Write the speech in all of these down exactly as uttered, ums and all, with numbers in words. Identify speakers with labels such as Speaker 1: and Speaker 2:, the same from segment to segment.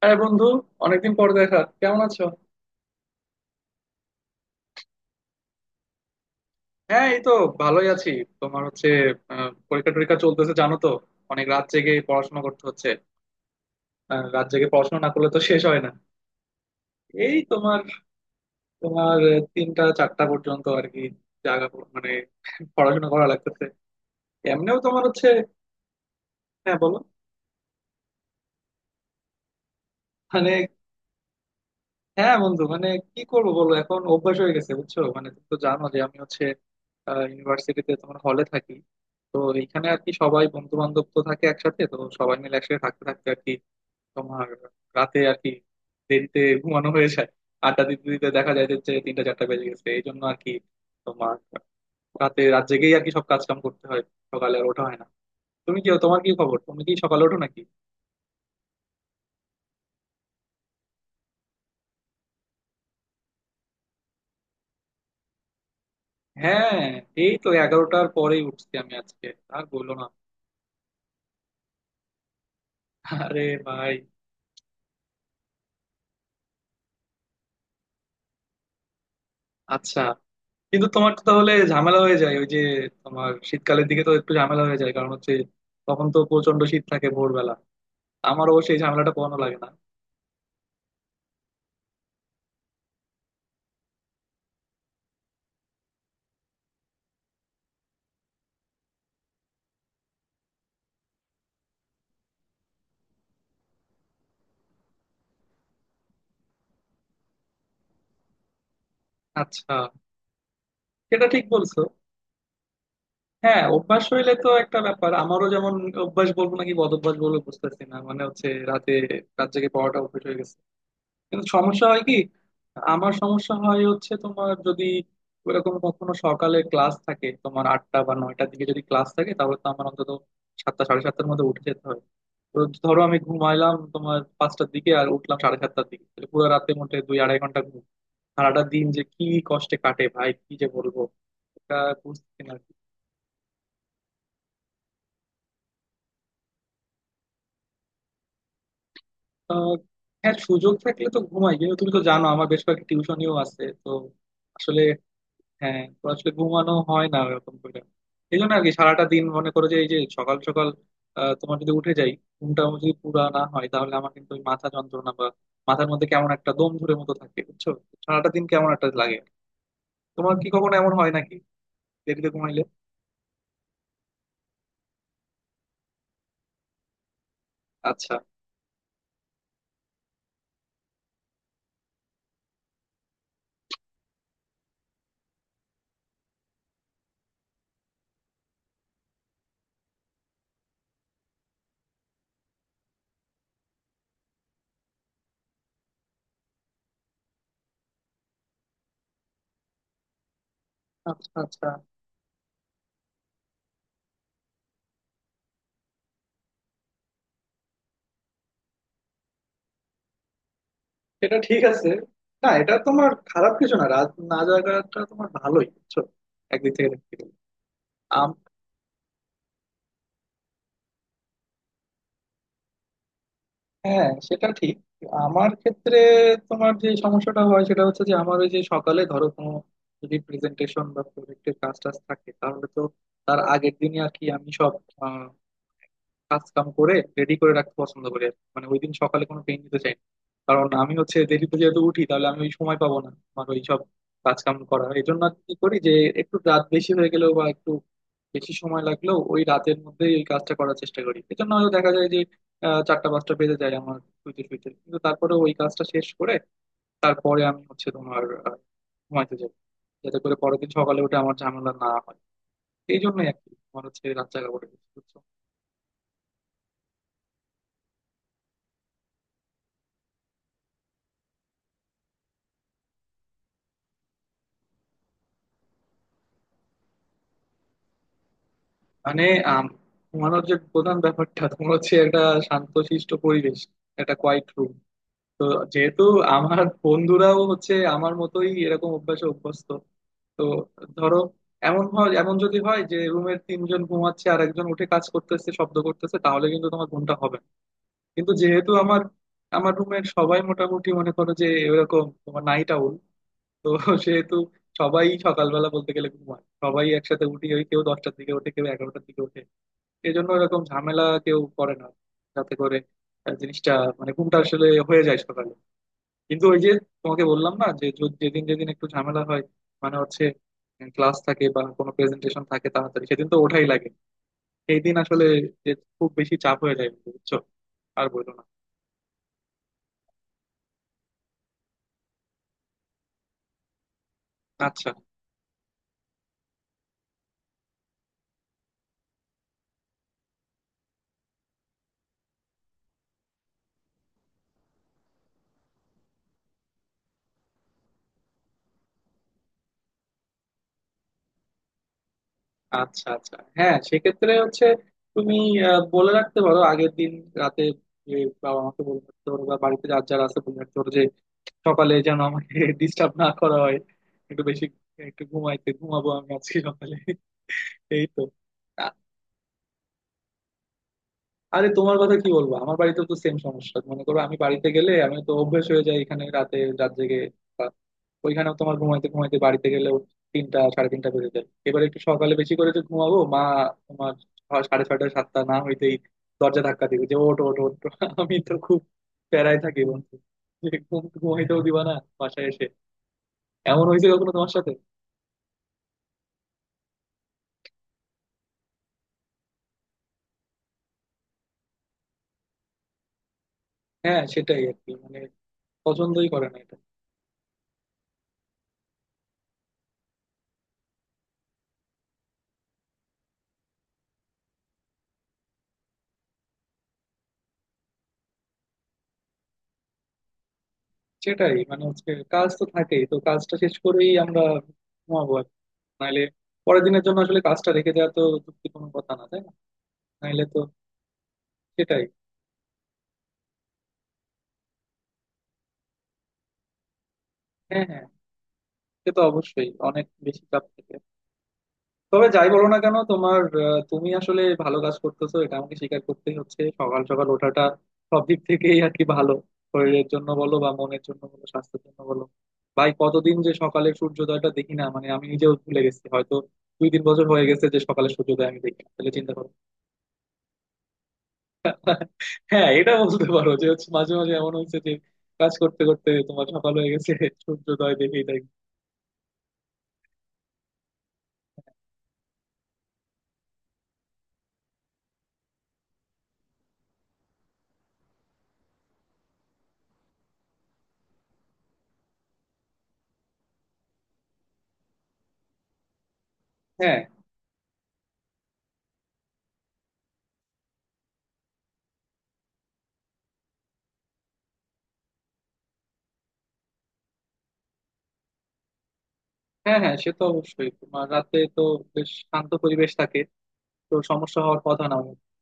Speaker 1: হ্যাঁ বন্ধু, অনেকদিন পর দেখা, কেমন আছো? হ্যাঁ এই তো, ভালোই আছি। তোমার হচ্ছে? আহ, পরীক্ষা টরীক্ষা চলতেছে জানো তো, অনেক রাত জেগে পড়াশোনা করতে হচ্ছে। আহ, রাত জেগে পড়াশোনা না করলে তো শেষ হয় না। এই তোমার তোমার আহ, তিনটা চারটা পর্যন্ত আর কি, জাগা পড়- মানে পড়াশোনা করা লাগতেছে। এমনিও তোমার হচ্ছে। হ্যাঁ বলো, মানে হ্যাঁ বন্ধু মানে কি করবো বলো, এখন অভ্যাস হয়ে গেছে বুঝছো। মানে তুমি তো জানো যে আমি হচ্ছে ইউনিভার্সিটিতে তোমার হলে থাকি, তো এইখানে আর কি সবাই বন্ধু বান্ধব তো থাকে একসাথে, তো সবাই মিলে একসাথে থাকতে থাকতে আর কি তোমার রাতে আর কি দেরিতে ঘুমানো হয়ে যায়। আড্ডা দিতে দিতে দেখা যায় যে হচ্ছে তিনটা চারটা বেজে গেছে, এই জন্য আর কি তোমার রাতে রাত জেগেই আর কি সব কাজ কাম করতে হয়, সকালে আর ওঠা হয় না। তুমি কি, তোমার কি খবর, তুমি কি সকালে ওঠো নাকি? হ্যাঁ এই তো এগারোটার পরেই উঠছি আমি আজকে। আর বললো না। আরে ভাই! আচ্ছা, কিন্তু তোমার তো তাহলে ঝামেলা হয়ে যায় ওই যে, তোমার শীতকালের দিকে তো একটু ঝামেলা হয়ে যায়, কারণ হচ্ছে তখন তো প্রচন্ড শীত থাকে ভোরবেলা। আমারও সেই ঝামেলাটা পোহানো লাগে না। আচ্ছা, সেটা ঠিক বলছো। হ্যাঁ, অভ্যাস হইলে তো একটা ব্যাপার, আমারও যেমন অভ্যাস বলবো নাকি বদ অভ্যাস বলবো বুঝতেছি না, মানে হচ্ছে রাতে রাত জেগে পড়াটা অভ্যাস হয়ে গেছে। কিন্তু সমস্যা হয় কি, আমার সমস্যা হয় হচ্ছে তোমার যদি ওইরকম কখনো সকালে ক্লাস থাকে, তোমার আটটা বা নয়টার দিকে যদি ক্লাস থাকে তাহলে তো আমার অন্তত সাতটা সাড়ে সাতটার মধ্যে উঠে যেতে হয়। তো ধরো আমি ঘুমাইলাম তোমার পাঁচটার দিকে আর উঠলাম সাড়ে সাতটার দিকে, তাহলে পুরো রাতে মোটে দুই আড়াই ঘন্টা ঘুম। সারাটা দিন যে কি কষ্টে কাটে ভাই, কি যে বলবো! এটা বুঝতে না আরকি। আহ, হ্যাঁ সুযোগ থাকলে তো ঘুমাই, কিন্তু তুমি তো জানো আমার বেশ কয়েকটা টিউশনিও আছে তো। আসলে, হ্যাঁ তো আসলে ঘুমানো হয় না ওরকম করে। এই জন্য আর কি সারাটা দিন, মনে করো যে এই যে সকাল সকাল আহ, তোমার যদি উঠে যাই, ঘুমটা যদি পুরা না হয় তাহলে আমার কিন্তু ওই মাথা যন্ত্রণা বা মাথার মধ্যে কেমন একটা দম ধরে মতো থাকে বুঝছো, সারাটা দিন কেমন একটা লাগে। তোমার কি কখনো এমন হয় নাকি, দেরিতে ঘুমাইলে? আচ্ছা আচ্ছা আচ্ছা। এটা ঠিক আছে, না এটা তোমার খারাপ কিছু না, রাত না জাগাটা তোমার ভালোই বুঝছো, একদিক থেকে দেখতে গেলে। হ্যাঁ সেটা ঠিক। আমার ক্ষেত্রে তোমার যে সমস্যাটা হয় সেটা হচ্ছে যে আমার ওই যে সকালে ধরো কোনো যদি প্রেজেন্টেশন বা প্রজেক্টের কাজ টাজ থাকে তাহলে তো তার আগের দিনই আর কি আমি সব আহ, কাজ কাম করে রেডি করে রাখতে পছন্দ করি আর কি। মানে ওই দিন সকালে কোনো পেন নিতে চাই না, কারণ আমি হচ্ছে দেরিতে যেহেতু উঠি তাহলে আমি ওই সময় পাবো না আমার ওই সব কাজ কাম করা। এই জন্য আর কি করি যে একটু রাত বেশি হয়ে গেলেও বা একটু বেশি সময় লাগলেও ওই রাতের মধ্যেই ওই কাজটা করার চেষ্টা করি, এজন্য হয়তো দেখা যায় আহ, চারটা পাঁচটা বেজে যায় আমার শুইতে শুইতে, কিন্তু তারপরে ওই কাজটা শেষ করে তারপরে আমি হচ্ছে তোমার আহ, ঘুমাইতে যাই, যাতে করে পরের দিন সকালে উঠে আমার ঝামেলা না হয়। এই জন্যই আর কি তোমার হচ্ছে রাত জাগা পড়ে গেছে, বুঝছো। মানে আম, ঘুমানোর যে প্রধান ব্যাপারটা তোমার হচ্ছে একটা শান্তশিষ্ট পরিবেশ, একটা কোয়াইট রুম। তো যেহেতু আমার বন্ধুরাও হচ্ছে আমার মতোই এরকম অভ্যাসে অভ্যস্ত, তো ধরো এমন হয়, এমন যদি হয় যে রুমের তিনজন ঘুমাচ্ছে আর একজন উঠে কাজ করতেছে শব্দ করতেছে তাহলে কিন্তু তোমার ঘুমটা হবে না। কিন্তু যেহেতু আমার আমার রুমের সবাই মোটামুটি মনে করো যে এরকম তোমার নাইট আউল, তো সেহেতু সবাই সকালবেলা বলতে গেলে ঘুমায়, সবাই একসাথে উঠি, ওই কেউ দশটার দিকে ওঠে, কেউ এগারোটার দিকে ওঠে, এই জন্য এরকম ঝামেলা কেউ করে না। যাতে করে আহ, জিনিসটা, মানে ঘুমটা আসলে হয়ে যায় সকালে। কিন্তু ওই যে তোমাকে বললাম না যে য- যেদিন যেদিন একটু ঝামেলা হয়, মানে হচ্ছে ক্লাস থাকে বা কোনো প্রেজেন্টেশন থাকে তাড়াতাড়ি, সেদিন তো ওঠাই লাগে। সেই দিন আসলে যে খুব বেশি চাপ হয়ে যায় বুঝছো। আর বললো না। আচ্ছা আচ্ছা আচ্ছা, হ্যাঁ সেক্ষেত্রে হচ্ছে তুমি আহ, বলে রাখতে পারো আগের দিন রাতে, যে বাবা মাকে বলে রাখতে পারো বা বাড়িতে যার যারা আছে বলে রাখতে পারো যে সকালে যেন আমাকে ডিস্টার্ব না করা হয়, একটু বেশি একটু ঘুমাইতে ঘুমাবো আমি আজকে সকালে এই তো। আ- আরে তোমার কথা কি বলবো, আমার বাড়িতে তো সেম সমস্যা! মনে করো আমি বাড়িতে গেলে, আমি তো অভ্যেস হয়ে যাই এখানে রাতে রাত জেগে, ওইখানেও তোমার ঘুমাইতে ঘুমাইতে বাড়িতে গেলেও তিনটা সাড়ে তিনটা বেজে যায়। এবার একটু সকালে বেশি করে যে ঘুমাবো, মা তোমার ছ- সাড়ে ছয়টা সাতটা না হইতেই দরজা ধাক্কা দিবে যে ওঠো ওঠো ওঠো। আমি তো খুব প্যারায় থাকি বন্ধু, যে ঘুম ঘুমাইতেও দিবা না বাসায় এসে? এমন হয়েছে কখনো তোমার সাথে? হ্যাঁ সেটাই আর কি, মানে পছন্দই করে না এটা। সেটাই, মানে হচ্ছে কাজ তো থাকেই, তো কাজটা শেষ করেই আমরা ঘুমাবো আর কি। নাইলে পরের দিনের জন্য আসলে কাজটা রেখে দেওয়া তো যুক্তি কোনো কথা না তাই না। নাইলে তো সেটাই। হ্যাঁ হ্যাঁ, সে তো অবশ্যই অনেক বেশি চাপ থাকে। তবে যাই বলো না কেন তোমার আহ, তুমি আসলে ভালো কাজ করতেছো, এটা আমাকে স্বীকার করতেই হচ্ছে, সকাল সকাল ওঠাটা সব দিক থেকেই আর কি ভালো, শরীরের জন্য বলো বা মনের জন্য বলো, স্বাস্থ্যের জন্য বলো। ভাই কতদিন যে সকালে সূর্যোদয়টা দেখি না, মানে আমি নিজেও ভুলে গেছি হয়তো, দুই তিন বছর হয়ে গেছে যে সকালে সূর্যোদয় আমি দেখি না, তাহলে চিন্তা করো। হ্যাঁ এটা বলতে পারো যে হচ্ছে মাঝে মাঝে এমন হয়েছে যে কাজ করতে করতে তোমার সকাল হয়ে গেছে, সূর্যোদয় দেখেই দেখি। হ্যাঁ হ্যাঁ, সে তো অবশ্যই তোমার রাতে তো বেশ শান্ত পরিবেশ থাকে, তো সমস্যা হওয়ার কথা না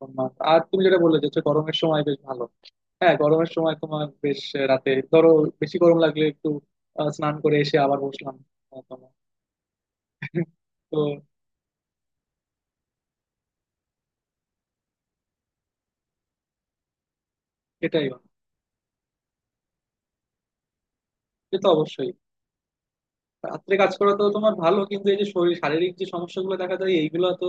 Speaker 1: তোমার। আর তুমি যেটা বললে যে হচ্ছে গরমের সময় বেশ ভালো, হ্যাঁ গরমের সময় তোমার বেশ, রাতে ধরো বেশি গরম লাগলে একটু আহ, স্নান করে এসে আবার বসলাম। আহ, তোমার তো এটাই হয়। সে তো অবশ্যই, রাত্রে কাজ করা তো তোমার ভালো, কিন্তু এই যে শরীর শারীরিক যে সমস্যাগুলো দেখা যায় এইগুলো তো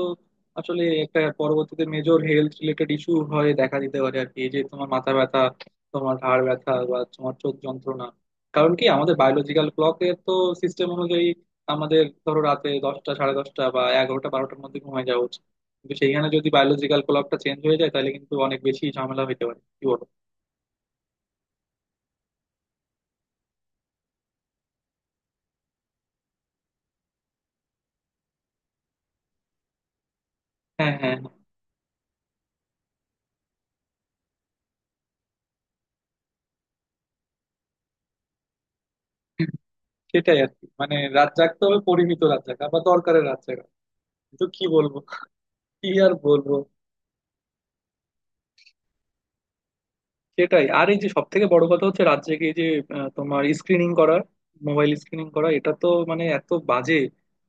Speaker 1: আসলে একটা পরবর্তীতে মেজর হেলথ রিলেটেড ইস্যু হয়ে দেখা দিতে পারে আর কি, এই যে তোমার মাথা ব্যথা, তোমার ঘাড় ব্যথা বা তোমার চোখ যন্ত্রণা। কারণ কি আমাদের বায়োলজিক্যাল ক্লকের তো সিস্টেম অনুযায়ী আমাদের ধরো রাতে দশটা সাড়ে দশটা বা এগারোটা বারোটার মধ্যে ঘুমায় যাওয়া উচিত, কিন্তু সেইখানে যদি বায়োলজিক্যাল ক্লকটা চেঞ্জ হয়ে যায় তাহলে কিন্তু অনেক বেশি ঝামেলা হইতে পারে, কি বলো? হ্যাঁ হ্যাঁ হ্যাঁ। সেটাই আর কি, মানে রাত জাগতে হবে পরিমিত রাত জাগা বা দরকারের রাত জাগা, তো কি বলবো, কি আর বলবো। সেটাই, আর এই যে সব থেকে বড় কথা হচ্ছে রাত জেগে এই যে আহ, তোমার স্ক্রিনিং করা, মোবাইল স্ক্রিনিং করা, এটা তো মানে এত বাজে!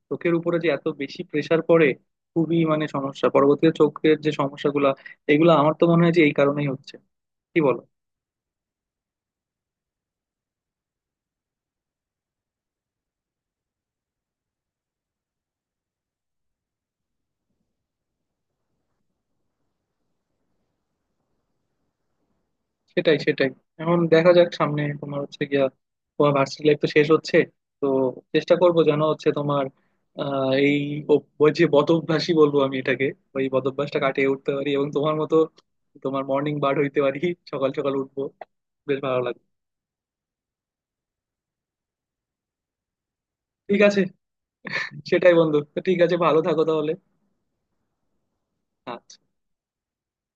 Speaker 1: চোখের উপরে যে এত বেশি প্রেসার পড়ে, খুবই মানে সমস্যা পরবর্তীতে, চোখের যে সমস্যাগুলা এগুলো আমার তো মনে হয় যে এই কারণেই হচ্ছে, কি বলো। সেটাই সেটাই। এখন দেখা যাক সামনে তোমার হচ্ছে গিয়া, তোমার ভার্সিটি লাইফ তো শেষ হচ্ছে, তো চেষ্টা করব যেন হচ্ছে তোমার আহ, এই অভ- ওই যে বদ অভ্যাসই বলবো আমি এটাকে, ওই বদ অভ্যাসটা কাটিয়ে উঠতে পারি এবং তোমার মতো তোমার মর্নিং বার্ড হইতে পারি, সকাল সকাল উঠবো, বেশ ভালো লাগবে। ঠিক আছে, সেটাই বন্ধু, তো ঠিক আছে, ভালো থাকো তাহলে। আচ্ছা।